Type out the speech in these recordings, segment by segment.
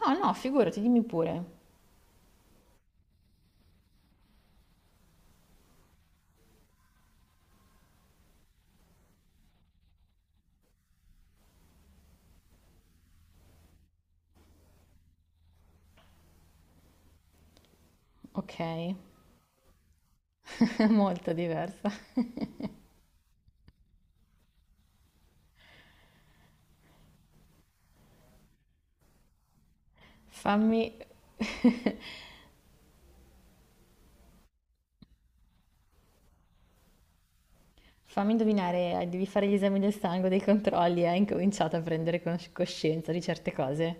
No, no, figurati, dimmi pure. Ok, molto diversa. Fammi, Fammi indovinare, devi fare gli esami del sangue, dei controlli, e hai incominciato a prendere coscienza di certe cose.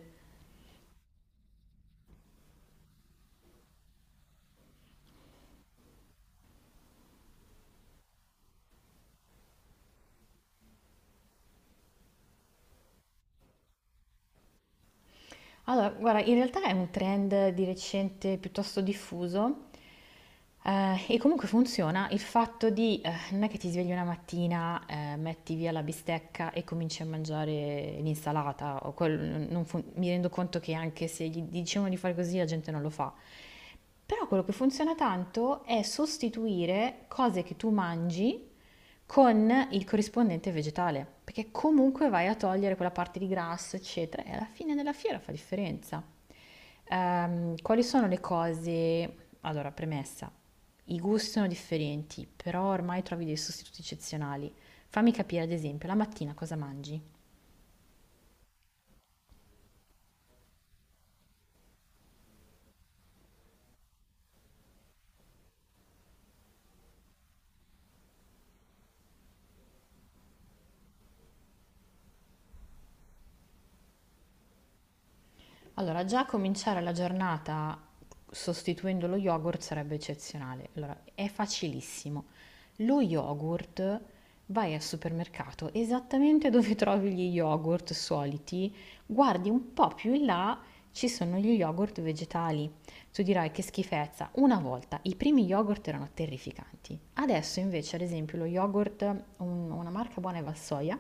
Allora, guarda, in realtà è un trend di recente piuttosto diffuso. E comunque funziona il fatto di, non è che ti svegli una mattina, metti via la bistecca e cominci a mangiare l'insalata, o non fun- mi rendo conto che anche se gli dicevano di fare così la gente non lo fa. Però quello che funziona tanto è sostituire cose che tu mangi con il corrispondente vegetale, perché comunque vai a togliere quella parte di grasso, eccetera, e alla fine della fiera fa differenza. Quali sono le cose? Allora, premessa. I gusti sono differenti, però ormai trovi dei sostituti eccezionali. Fammi capire, ad esempio, la mattina cosa mangi? Allora, già cominciare la giornata sostituendo lo yogurt sarebbe eccezionale. Allora, è facilissimo. Lo yogurt vai al supermercato esattamente dove trovi gli yogurt soliti, guardi un po' più in là, ci sono gli yogurt vegetali. Tu dirai che schifezza. Una volta i primi yogurt erano terrificanti. Adesso invece, ad esempio, lo yogurt, una marca buona è Valsoia,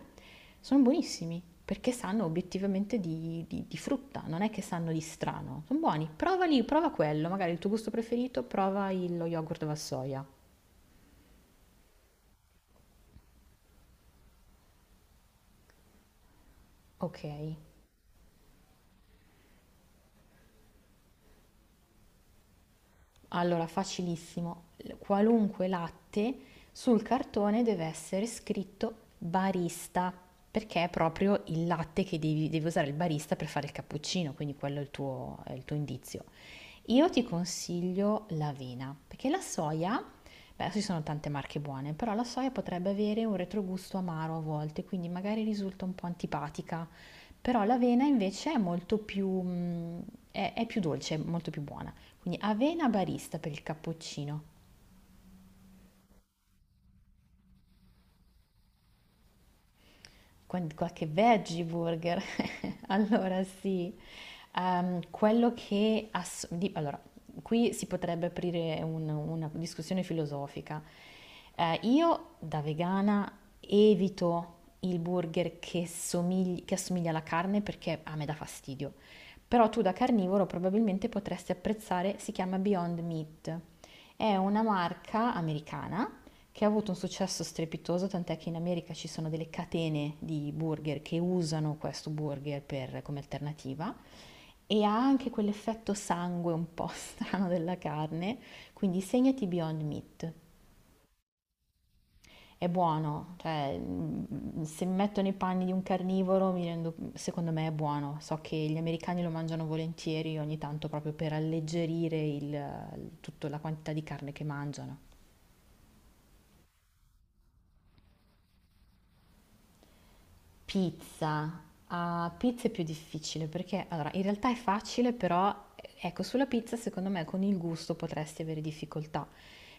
sono buonissimi perché sanno obiettivamente di, di frutta, non è che sanno di strano. Sono buoni, provali, prova quello, magari il tuo gusto preferito, prova lo yogurt alla soia. Ok, allora facilissimo, qualunque latte sul cartone deve essere scritto barista, perché è proprio il latte che devi, devi usare il barista per fare il cappuccino, quindi quello è il tuo indizio. Io ti consiglio l'avena, perché la soia, beh, adesso ci sono tante marche buone, però la soia potrebbe avere un retrogusto amaro a volte, quindi magari risulta un po' antipatica, però l'avena invece è molto più, è più dolce, è molto più buona. Quindi avena barista per il cappuccino, con qualche veggie burger. Allora sì. Quello che... allora, qui si potrebbe aprire una discussione filosofica. Io da vegana evito il burger che che assomiglia alla carne perché a me dà fastidio. Però tu da carnivoro probabilmente potresti apprezzare, si chiama Beyond Meat. È una marca americana che ha avuto un successo strepitoso, tant'è che in America ci sono delle catene di burger che usano questo burger come alternativa e ha anche quell'effetto sangue un po' strano della carne, quindi segnati Beyond Meat. È buono, cioè, se mi metto nei panni di un carnivoro, secondo me è buono. So che gli americani lo mangiano volentieri ogni tanto proprio per alleggerire il, tutta la quantità di carne che mangiano. Pizza. Ah, pizza è più difficile perché allora in realtà è facile, però ecco, sulla pizza secondo me con il gusto potresti avere difficoltà,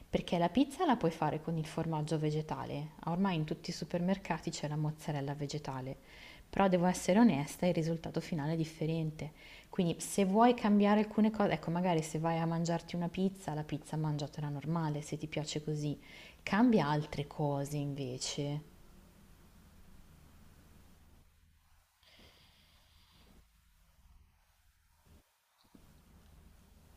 perché la pizza la puoi fare con il formaggio vegetale. Ormai in tutti i supermercati c'è la mozzarella vegetale, però devo essere onesta, il risultato finale è differente. Quindi se vuoi cambiare alcune cose, ecco, magari se vai a mangiarti una pizza, la pizza mangiatela normale, se ti piace così. Cambia altre cose invece.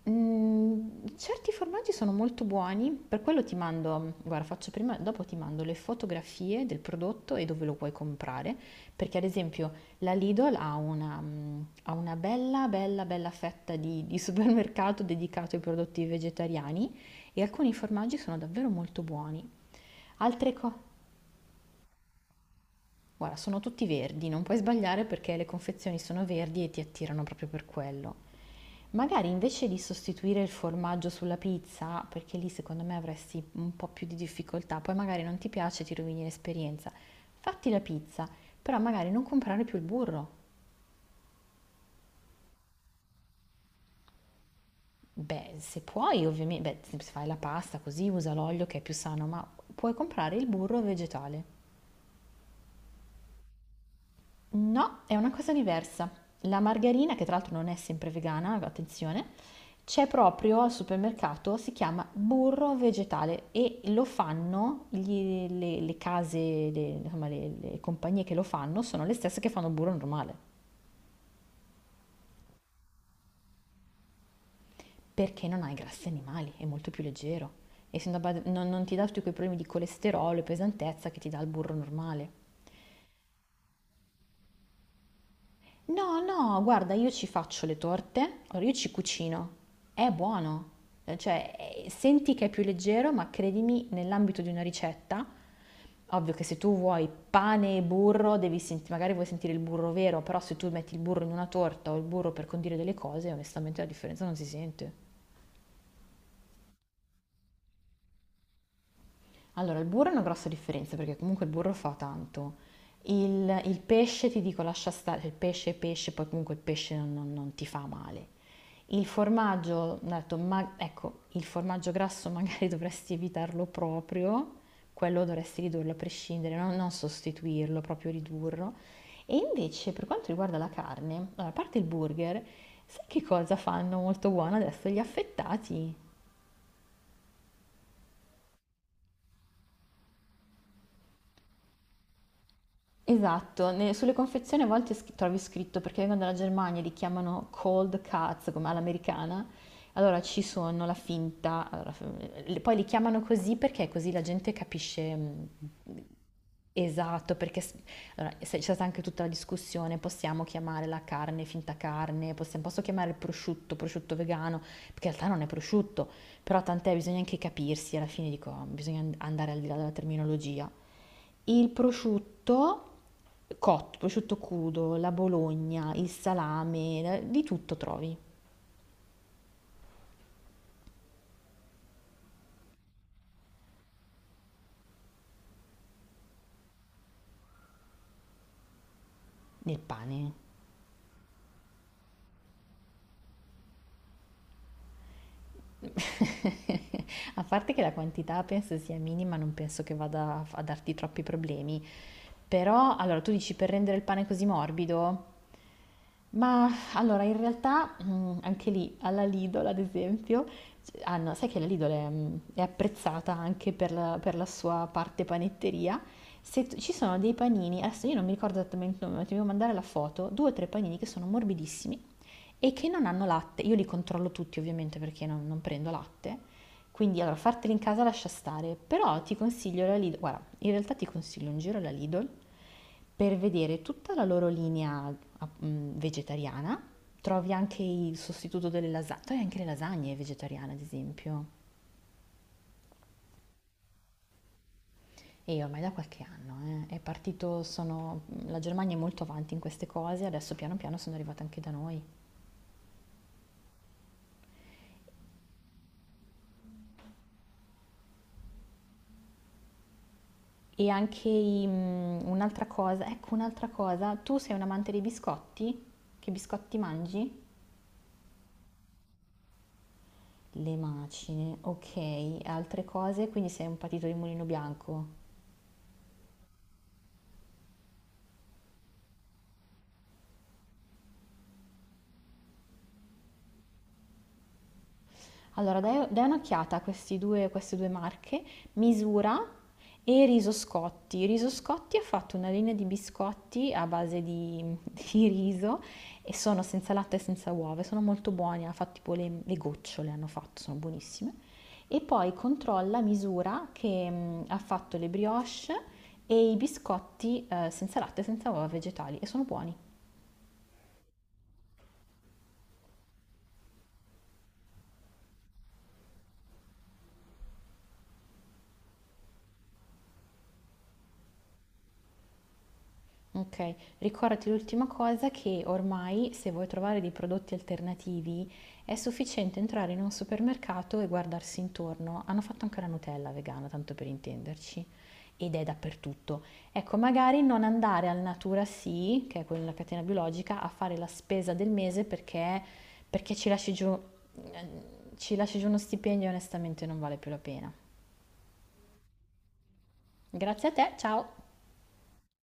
Mm, certi formaggi sono molto buoni, per quello ti mando, guarda, faccio prima, dopo ti mando le fotografie del prodotto e dove lo puoi comprare, perché ad esempio la Lidl ha una, ha una bella fetta di supermercato dedicato ai prodotti vegetariani e alcuni formaggi sono davvero molto buoni. Altre cose... Guarda, sono tutti verdi, non puoi sbagliare perché le confezioni sono verdi e ti attirano proprio per quello. Magari invece di sostituire il formaggio sulla pizza, perché lì secondo me avresti un po' più di difficoltà, poi magari non ti piace, ti rovini l'esperienza. Fatti la pizza, però magari non comprare più il burro. Beh, se puoi, ovviamente, beh, se fai la pasta così usa l'olio che è più sano, ma puoi comprare il burro vegetale. No, è una cosa diversa. La margarina, che tra l'altro non è sempre vegana, attenzione, c'è proprio al supermercato, si chiama burro vegetale e lo fanno le case, le, insomma, le compagnie che lo fanno sono le stesse che fanno burro normale, perché non ha i grassi animali, è molto più leggero. E se non, non ti dà tutti quei problemi di colesterolo e pesantezza che ti dà il burro normale. No, no, guarda, io ci faccio le torte, allora io ci cucino. È buono. Cioè, senti che è più leggero, ma credimi, nell'ambito di una ricetta, ovvio che se tu vuoi pane e burro, devi magari vuoi sentire il burro vero, però se tu metti il burro in una torta o il burro per condire delle cose, onestamente la differenza non si sente. Allora, il burro è una grossa differenza perché comunque il burro fa tanto. Il pesce ti dico lascia stare, cioè, il pesce è pesce, poi comunque il pesce non, non ti fa male. Il formaggio, ho detto, ma, ecco, il formaggio grasso magari dovresti evitarlo proprio, quello dovresti ridurlo a prescindere, no? Non sostituirlo, proprio ridurlo. E invece per quanto riguarda la carne, allora, a parte il burger, sai che cosa fanno molto buono adesso? Gli affettati. Esatto, sulle confezioni a volte trovi scritto perché vengono dalla Germania, li chiamano cold cuts come all'americana. Allora ci sono la finta, allora, poi li chiamano così perché così la gente capisce mh. Esatto, perché allora, c'è stata anche tutta la discussione, possiamo chiamare la carne finta carne, possiamo, posso chiamare il prosciutto, prosciutto vegano, perché in realtà non è prosciutto, però tant'è, bisogna anche capirsi, alla fine dico, bisogna andare al di là della terminologia. Il prosciutto cotto, prosciutto crudo, la bologna, il salame, di tutto trovi nel pane. A parte che la quantità penso sia minima, non penso che vada a darti troppi problemi. Però, allora, tu dici per rendere il pane così morbido? Ma allora, in realtà, anche lì, alla Lidl, ad esempio, hanno, sai che la Lidl è, è apprezzata anche per la sua parte panetteria. Se tu- ci sono dei panini, adesso io non mi ricordo esattamente il nome, ma ti devo mandare la foto, due o tre panini che sono morbidissimi e che non hanno latte. Io li controllo tutti ovviamente perché non, non prendo latte, quindi allora farteli in casa lascia stare, però ti consiglio la Lidl, guarda, in realtà ti consiglio un giro alla Lidl per vedere tutta la loro linea vegetariana, trovi anche il sostituto delle lasagne, trovi anche le lasagne vegetariane ad esempio. E ormai da qualche anno è partito, sono, la Germania è molto avanti in queste cose, adesso piano piano sono arrivate anche da noi. E anche un'altra cosa ecco un'altra cosa, tu sei un amante dei biscotti? Che biscotti mangi? Le macine, okay, altre cose, quindi sei un patito di Mulino Bianco? Allora, dai, dai un'occhiata a questi due, queste due marche, Misura e Riso Scotti. Riso Scotti ha fatto una linea di biscotti a base di, di riso e sono senza latte e senza uova, e sono molto buoni, ha fatto tipo le gocciole, hanno fatto, sono buonissime. E poi controlla Misura che ha fatto le brioche e i biscotti senza latte e senza uova vegetali e sono buoni. Okay. Ricordati l'ultima cosa che ormai, se vuoi trovare dei prodotti alternativi, è sufficiente entrare in un supermercato e guardarsi intorno. Hanno fatto anche la Nutella vegana, tanto per intenderci, ed è dappertutto. Ecco, magari non andare al Natura Sì, che è quella della catena biologica, a fare la spesa del mese perché, perché eh, ci lasci giù uno stipendio e onestamente non vale più la pena. Grazie a te, ciao!